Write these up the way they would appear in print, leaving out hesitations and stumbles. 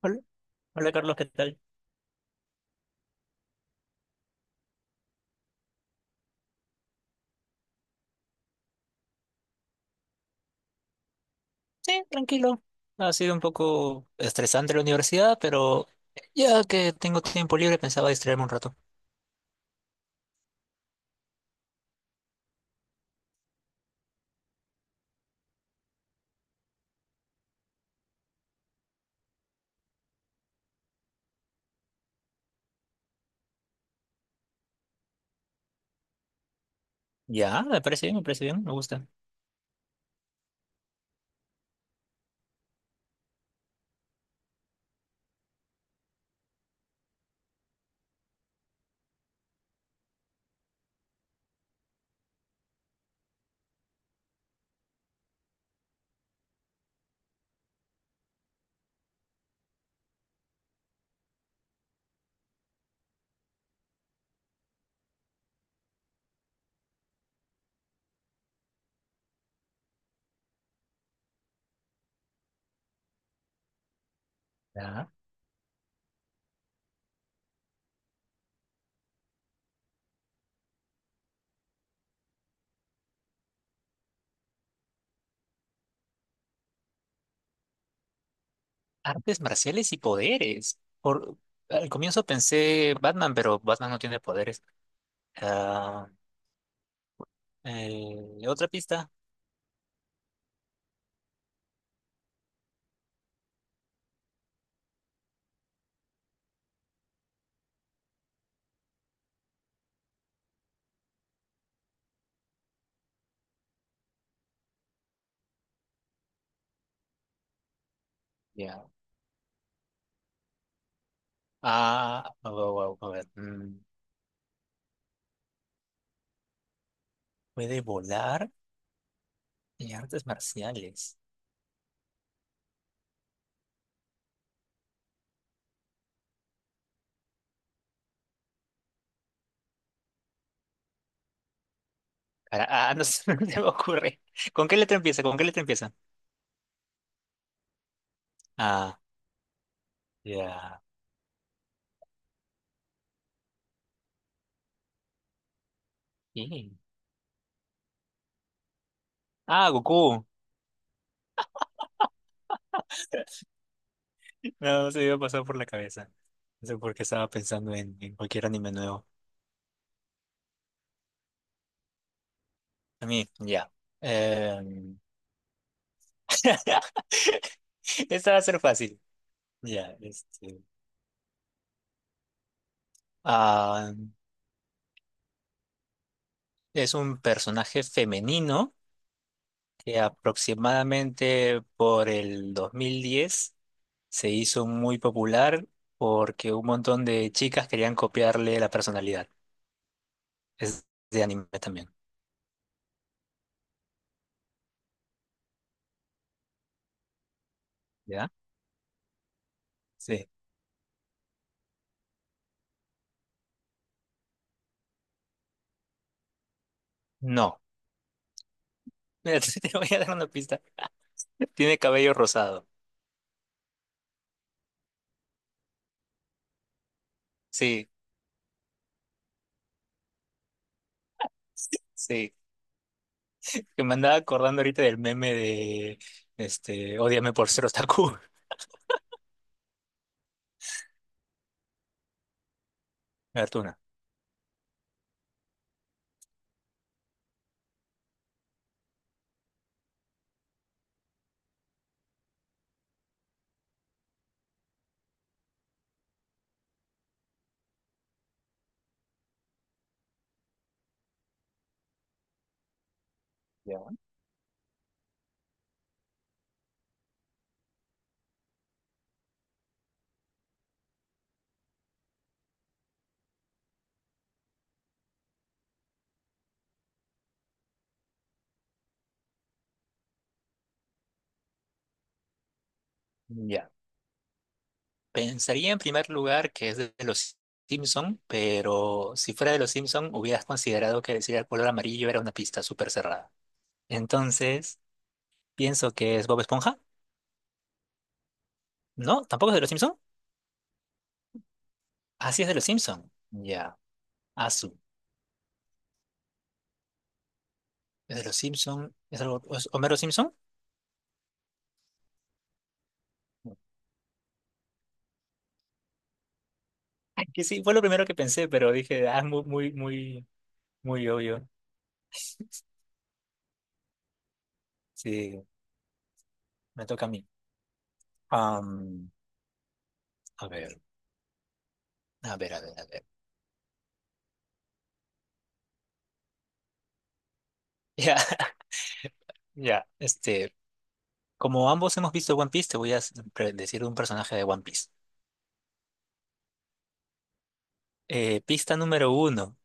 Hola, hola Carlos, ¿qué tal? Sí, tranquilo. Ha sido un poco estresante la universidad, pero ya que tengo tiempo libre pensaba distraerme un rato. Ya, me parece bien, me parece bien, me gusta. Ya. Artes marciales y poderes. Al comienzo pensé Batman, pero Batman no tiene poderes. Ah, Otra pista. Ya. Wow, wow, a ver. Puede volar y artes marciales. No sé, no se me ocurre. ¿Con qué letra empieza? ¿Con qué letra empieza? Ah. Ya. Sí. Ah, Goku. No, no se me iba a pasar por la cabeza. No sé por qué estaba pensando en cualquier anime nuevo. A mí, ya. Em, Esta va a ser fácil. Ya, este. ah, es un personaje femenino que aproximadamente por el 2010 se hizo muy popular porque un montón de chicas querían copiarle la personalidad. Es de anime también. ¿Ya? Sí. No. Mira, te voy a dar una pista. Tiene cabello rosado. Sí, sí. Que me andaba acordando ahorita del meme de, Ódiame por ser otaku. Artuna. Ya. Ya. Pensaría en primer lugar que es de los Simpson, pero si fuera de los Simpson hubieras considerado que decir el color amarillo era una pista súper cerrada. Entonces, pienso que es Bob Esponja. No, tampoco es de los Simpson. Así es de los Simpson. Ya. Azu. Es de los Simpson. ¿Es algo- es Homero Simpson? Que sí, fue lo primero que pensé, pero dije, ah, es muy, muy, muy, muy obvio. Sí, me toca a mí. Am, a ver, a ver, a ver, a ver. Ya, ya, este, Como ambos hemos visto One Piece, te voy a s- pre- decir un personaje de One Piece. Pista n.º 1,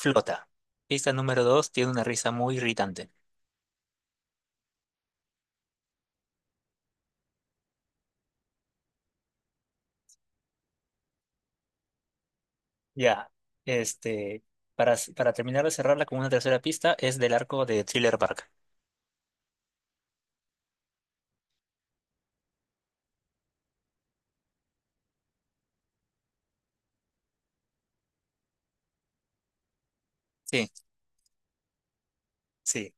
flota. Pista n.º 2, tiene una risa muy irritante. Ya, este, para, s- para terminar de cerrarla con una tercera pista, es del arco de Thriller Bark. Sí, sí.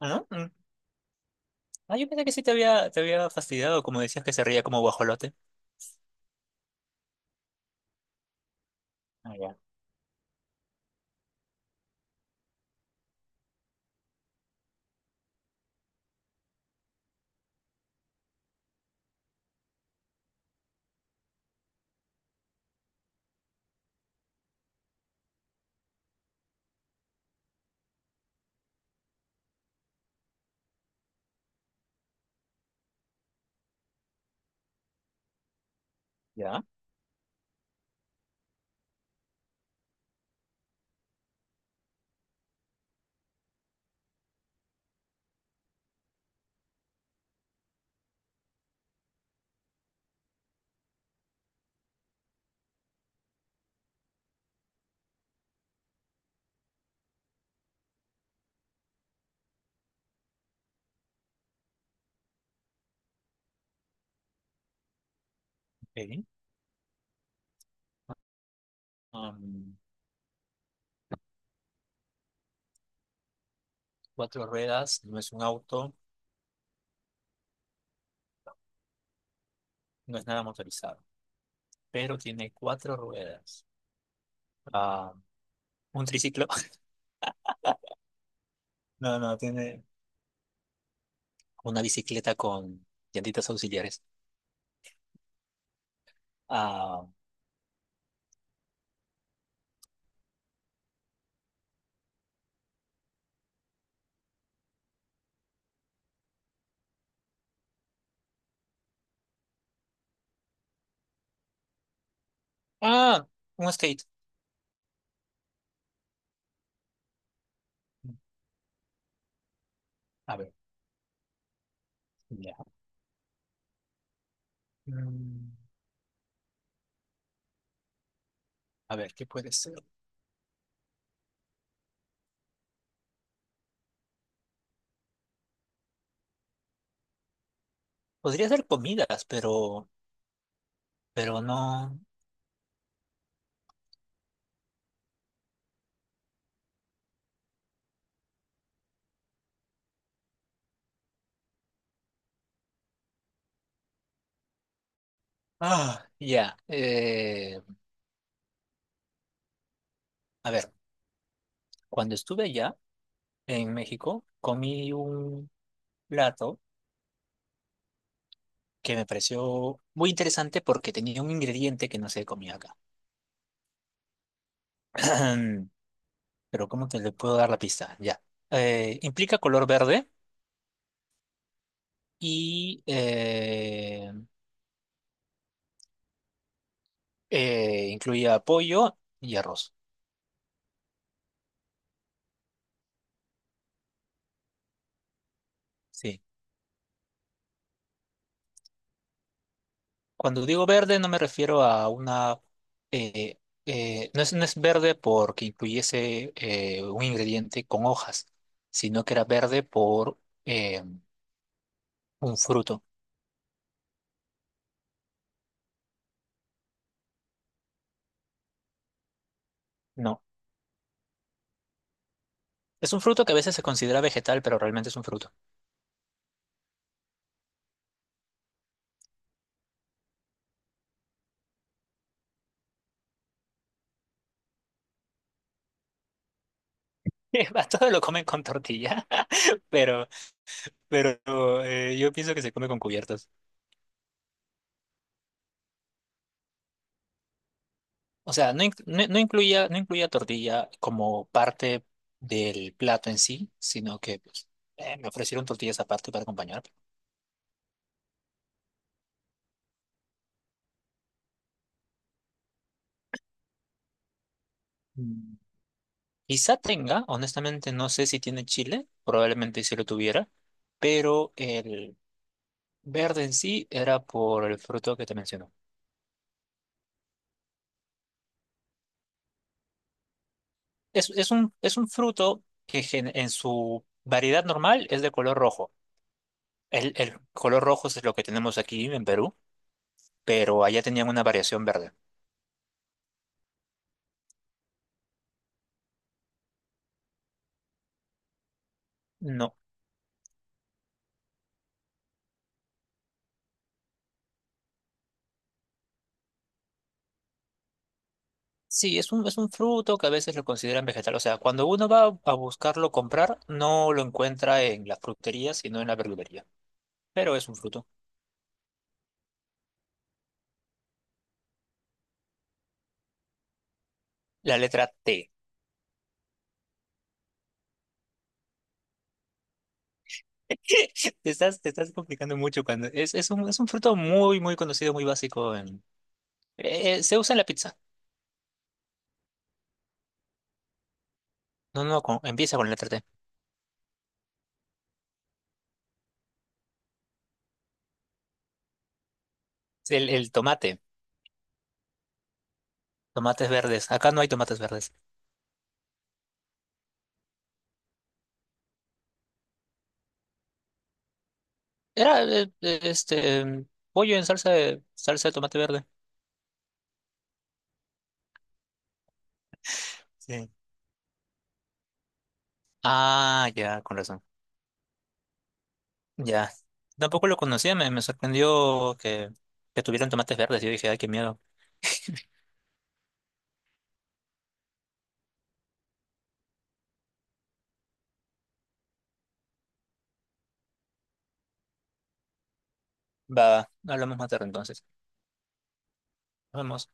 Ah. Ah, yo pensé que sí te había fastidiado, como decías que se reía como guajolote. Ah, ya. Ya. Ok. Am, Cuatro ruedas, no es un auto, no es nada motorizado, pero tiene cuatro ruedas. Ah, un triciclo. No, no, tiene una bicicleta con llantitas auxiliares. Ah, ah, un skate. A ver, ya. Mm, A ver, ¿qué puede ser? Podría ser comidas, pero no. Ah, ya. eh, a ver, cuando estuve allá. En México, comí un plato que me pareció muy interesante porque tenía un ingrediente que no se comía acá. Pero ¿cómo te le puedo dar la pista? Ya. Implica color verde y incluía pollo y arroz. Sí. Cuando digo verde no me refiero a una... eh, no no es verde porque incluyese un ingrediente con hojas, sino que era verde por eh, un fruto. No. Es un fruto que a veces se considera vegetal, pero realmente es un fruto. A todos lo comen con tortilla, pero, pero yo pienso que se come con cubiertos. O sea, no incluía, no incluía tortilla como parte del plato en sí, sino que pues, me ofrecieron tortillas aparte para acompañar. Mm. Quizá tenga, honestamente no sé si tiene chile, probablemente si lo tuviera, pero el verde en sí era por el fruto que te menciono. Es un fruto que gen- en su variedad normal es de color rojo. El color rojo es lo que tenemos aquí en Perú, pero allá tenían una variación verde. No. Sí, es un fruto que a veces lo consideran vegetal. O sea, cuando uno va a buscarlo comprar, no lo encuentra en las fruterías, sino en la verdulería. Pero es un fruto. La letra T. Te estás complicando mucho cuando... es un fruto muy, muy conocido, muy básico. Se usa en la pizza. No, no, con- empieza con la letra T. El tomate, tomates verdes. Acá no hay tomates verdes. Era pollo en salsa de tomate verde. Sí. Ah, ya, con razón. Ya. Tampoco lo conocía, me sorprendió que tuvieran tomates verdes. Yo dije, ay, qué miedo. Va, hablamos más tarde entonces. Nos vemos.